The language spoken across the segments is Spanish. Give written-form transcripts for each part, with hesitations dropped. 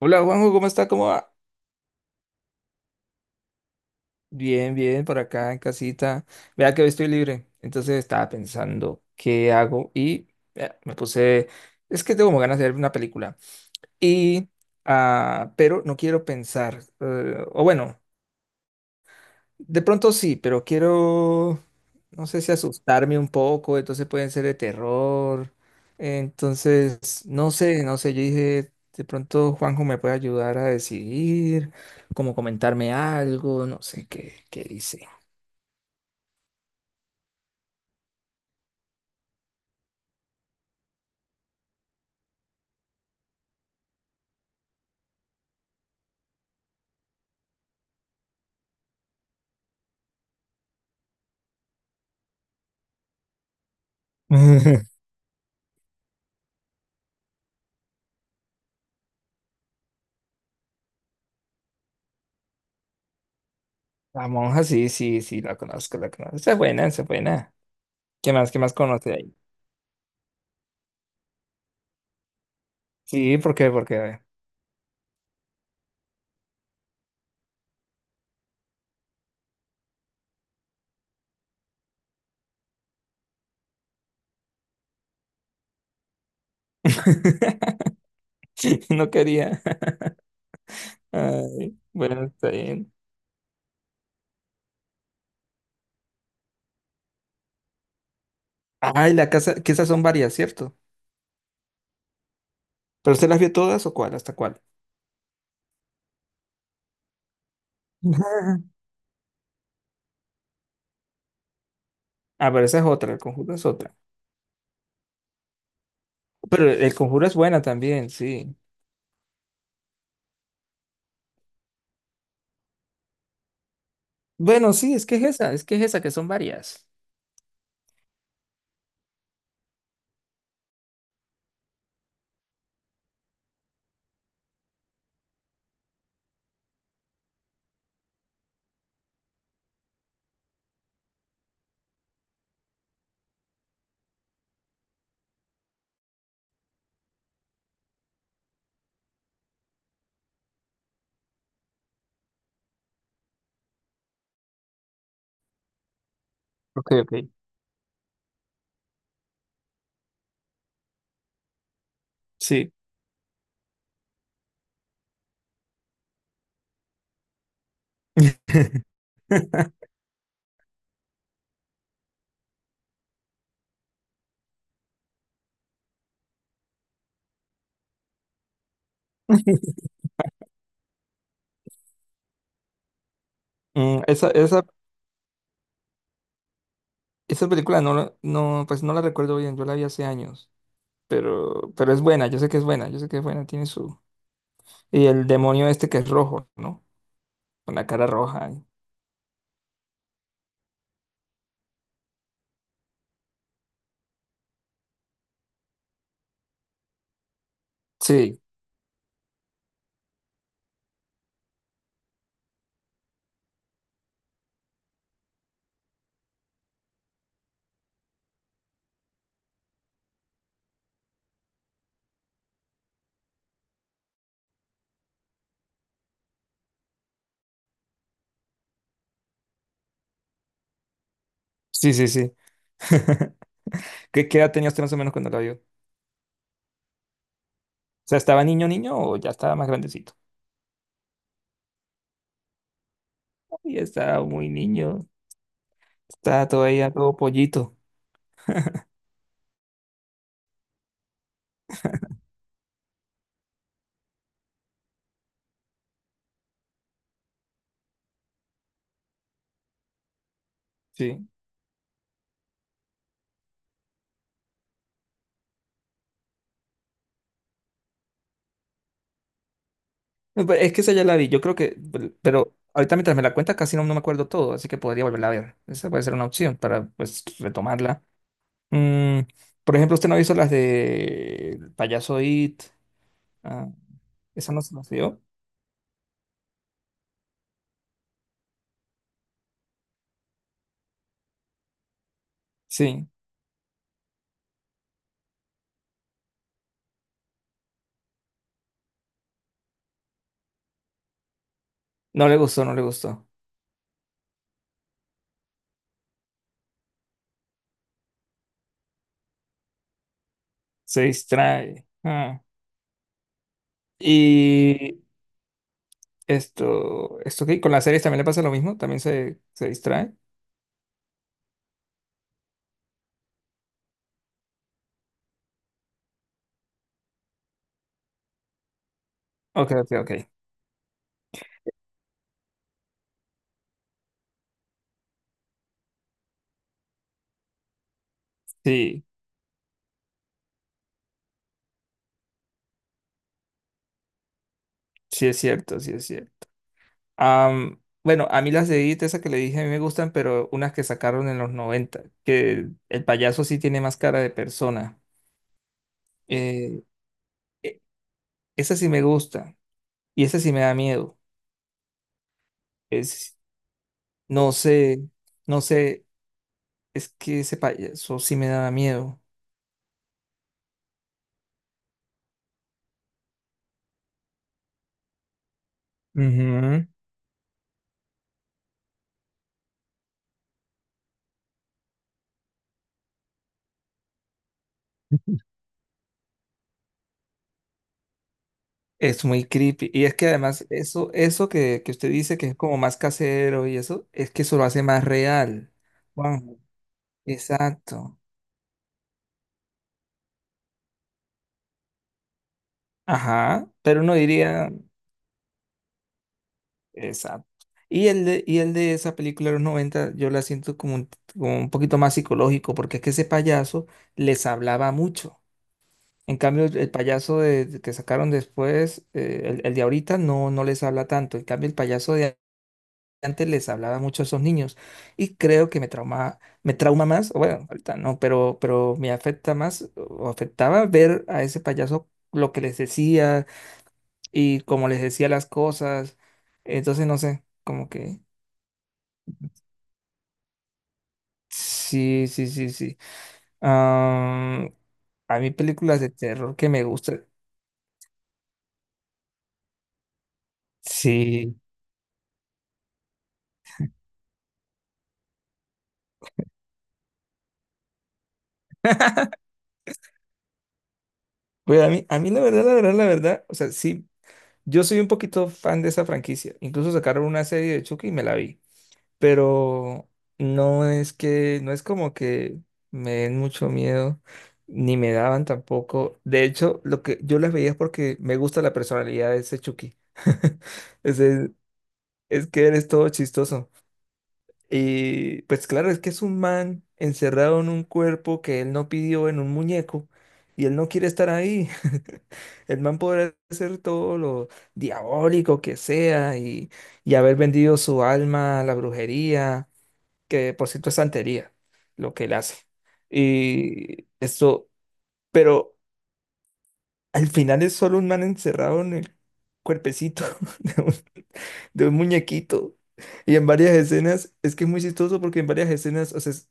Hola Juanjo, ¿cómo está? ¿Cómo va? Bien, bien, por acá en casita. Vea que hoy estoy libre. Entonces estaba pensando qué hago y me puse, es que tengo como ganas de ver una película. Y, ah, pero no quiero pensar, o bueno, de pronto sí, pero quiero, no sé si asustarme un poco, entonces pueden ser de terror. Entonces, no sé, no sé, yo dije, de pronto Juanjo me puede ayudar a decidir, como comentarme algo, no sé qué, qué dice. La monja, sí, sí, sí, la conozco, la conozco. Esa es buena, esa es buena. Qué más conoce ahí? Sí, ¿por qué? Porque a ver. No quería. Ay, bueno, está bien. Ay, la casa, que esas son varias, ¿cierto? ¿Pero usted las vio todas o cuál? ¿Hasta cuál? Ah, pero esa es otra, el conjuro es otra. Pero el conjuro es buena también, sí. Bueno, sí, es que es esa, es que es esa, que son varias. Ok, ok. Sí. Mm, Esa, esa, esa película no, no, pues no la recuerdo bien, yo la vi hace años, pero es buena, yo sé que es buena, yo sé que es buena, tiene su... Y el demonio este que es rojo, ¿no? Con la cara roja. Sí, sí, sí, sí. ¿Qué, qué edad tenía usted más o menos cuando la vio? O sea, ¿estaba niño, niño o ya estaba más grandecito? Y estaba muy niño, estaba todavía todo pollito. Sí. No, pero es que esa ya la vi, yo creo que, pero ahorita mientras me la cuentas casi no me acuerdo todo, así que podría volverla a ver. Esa puede ser una opción para pues retomarla. Mm, por ejemplo, usted no hizo las de El Payaso It. Ah, esa no se las vio. Sí, no le gustó, no le gustó. Se distrae. Ah. Y esto que con las series también le pasa lo mismo, también se distrae. Ok, ok, ok. Sí. Sí es cierto, sí es cierto. Bueno, a mí las de Edith, esas que le dije, a mí me gustan, pero unas que sacaron en los 90 que el payaso sí tiene más cara de persona. Eh, e- esa sí me gusta y esa sí me da miedo. Es, no sé, no sé, es que ese payaso sí me da miedo. Ujú. Es muy creepy. Y es que además eso, eso que usted dice que es como más casero y eso, es que eso lo hace más real. Juan, exacto. Ajá, pero uno diría, exacto. Y el de esa película de los 90, yo la siento como un, poquito más psicológico, porque es que ese payaso les hablaba mucho. En cambio, el payaso de que sacaron después, el de ahorita, no les habla tanto. En cambio, el payaso de antes les hablaba mucho a esos niños. Y creo que me trauma más, o bueno, ahorita no, pero me afecta más o afectaba ver a ese payaso lo que les decía y como les decía las cosas. Entonces, no sé, como que... Sí, sí, sí, sí. Am, a mí películas de terror que me gustan. Sí. Pues a mí la verdad, la verdad, la verdad, o sea, sí, yo soy un poquito fan de esa franquicia. Incluso sacaron una serie de Chucky y me la vi. Pero no es que, no es como que me den mucho miedo, ni me daban tampoco. De hecho, lo que yo las veía es porque me gusta la personalidad de ese Chucky. Ese- es que eres todo chistoso. Y pues claro, es que es un man encerrado en un cuerpo que él no pidió en un muñeco. Y él no quiere estar ahí. El man podrá hacer todo lo diabólico que sea y haber vendido su alma a la brujería que por cierto es santería lo que él hace. Y esto, pero al final es solo un man encerrado en el cuerpecito de un, de un muñequito. Y en varias escenas, es que es muy chistoso porque en varias escenas, o sea,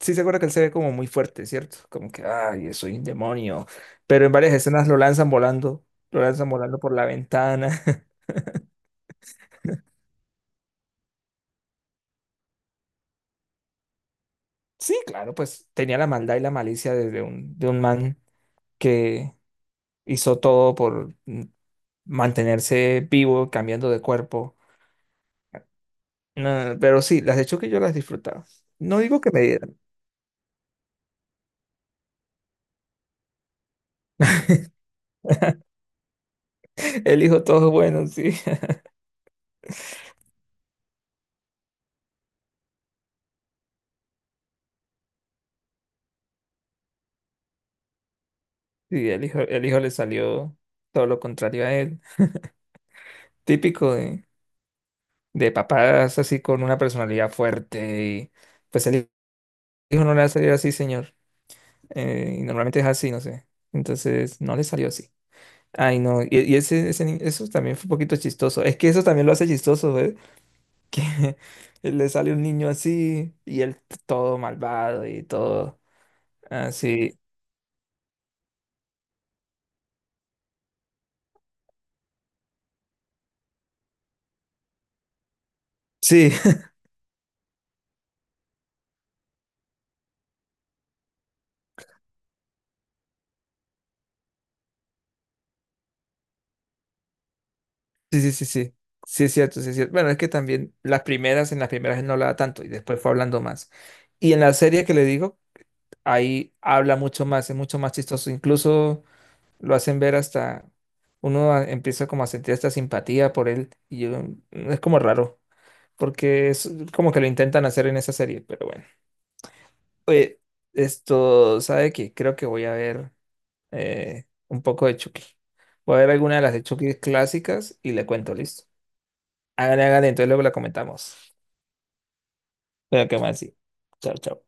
sí se acuerda que él se ve como muy fuerte, ¿cierto? Como que, ay, soy un demonio. Pero en varias escenas lo lanzan volando por la ventana. Sí, claro, pues tenía la maldad y la malicia de un man que hizo todo por, mantenerse vivo, cambiando de cuerpo. No, pero sí, las de Chucky yo las disfrutaba. No digo que me dieran. El hijo todo bueno, sí. Sí, el hijo le salió todo lo contrario a él. Típico de papás así con una personalidad fuerte y pues el hijo no le va a salir así, señor. Y normalmente es así, no sé. Entonces no le salió así. Ay, no. Y ese, ese ni- eso también fue un poquito chistoso. Es que eso también lo hace chistoso, que le sale un niño así y él todo malvado y todo así. Sí, sí, sí, sí, sí. Sí es cierto, sí es cierto. Bueno, es que también las primeras, en las primeras él no hablaba tanto y después fue hablando más. Y en la serie que le digo, ahí habla mucho más, es mucho más chistoso. Incluso lo hacen ver hasta, uno empieza como a sentir esta simpatía por él y es como raro, porque es como que lo intentan hacer en esa serie, pero bueno. Oye, esto, ¿sabe qué? Creo que voy a ver un poco de Chucky. Voy a ver alguna de las de Chucky clásicas y le cuento, listo. Hágale, hágale, entonces luego la comentamos. Pero qué más, sí. Chao, chao.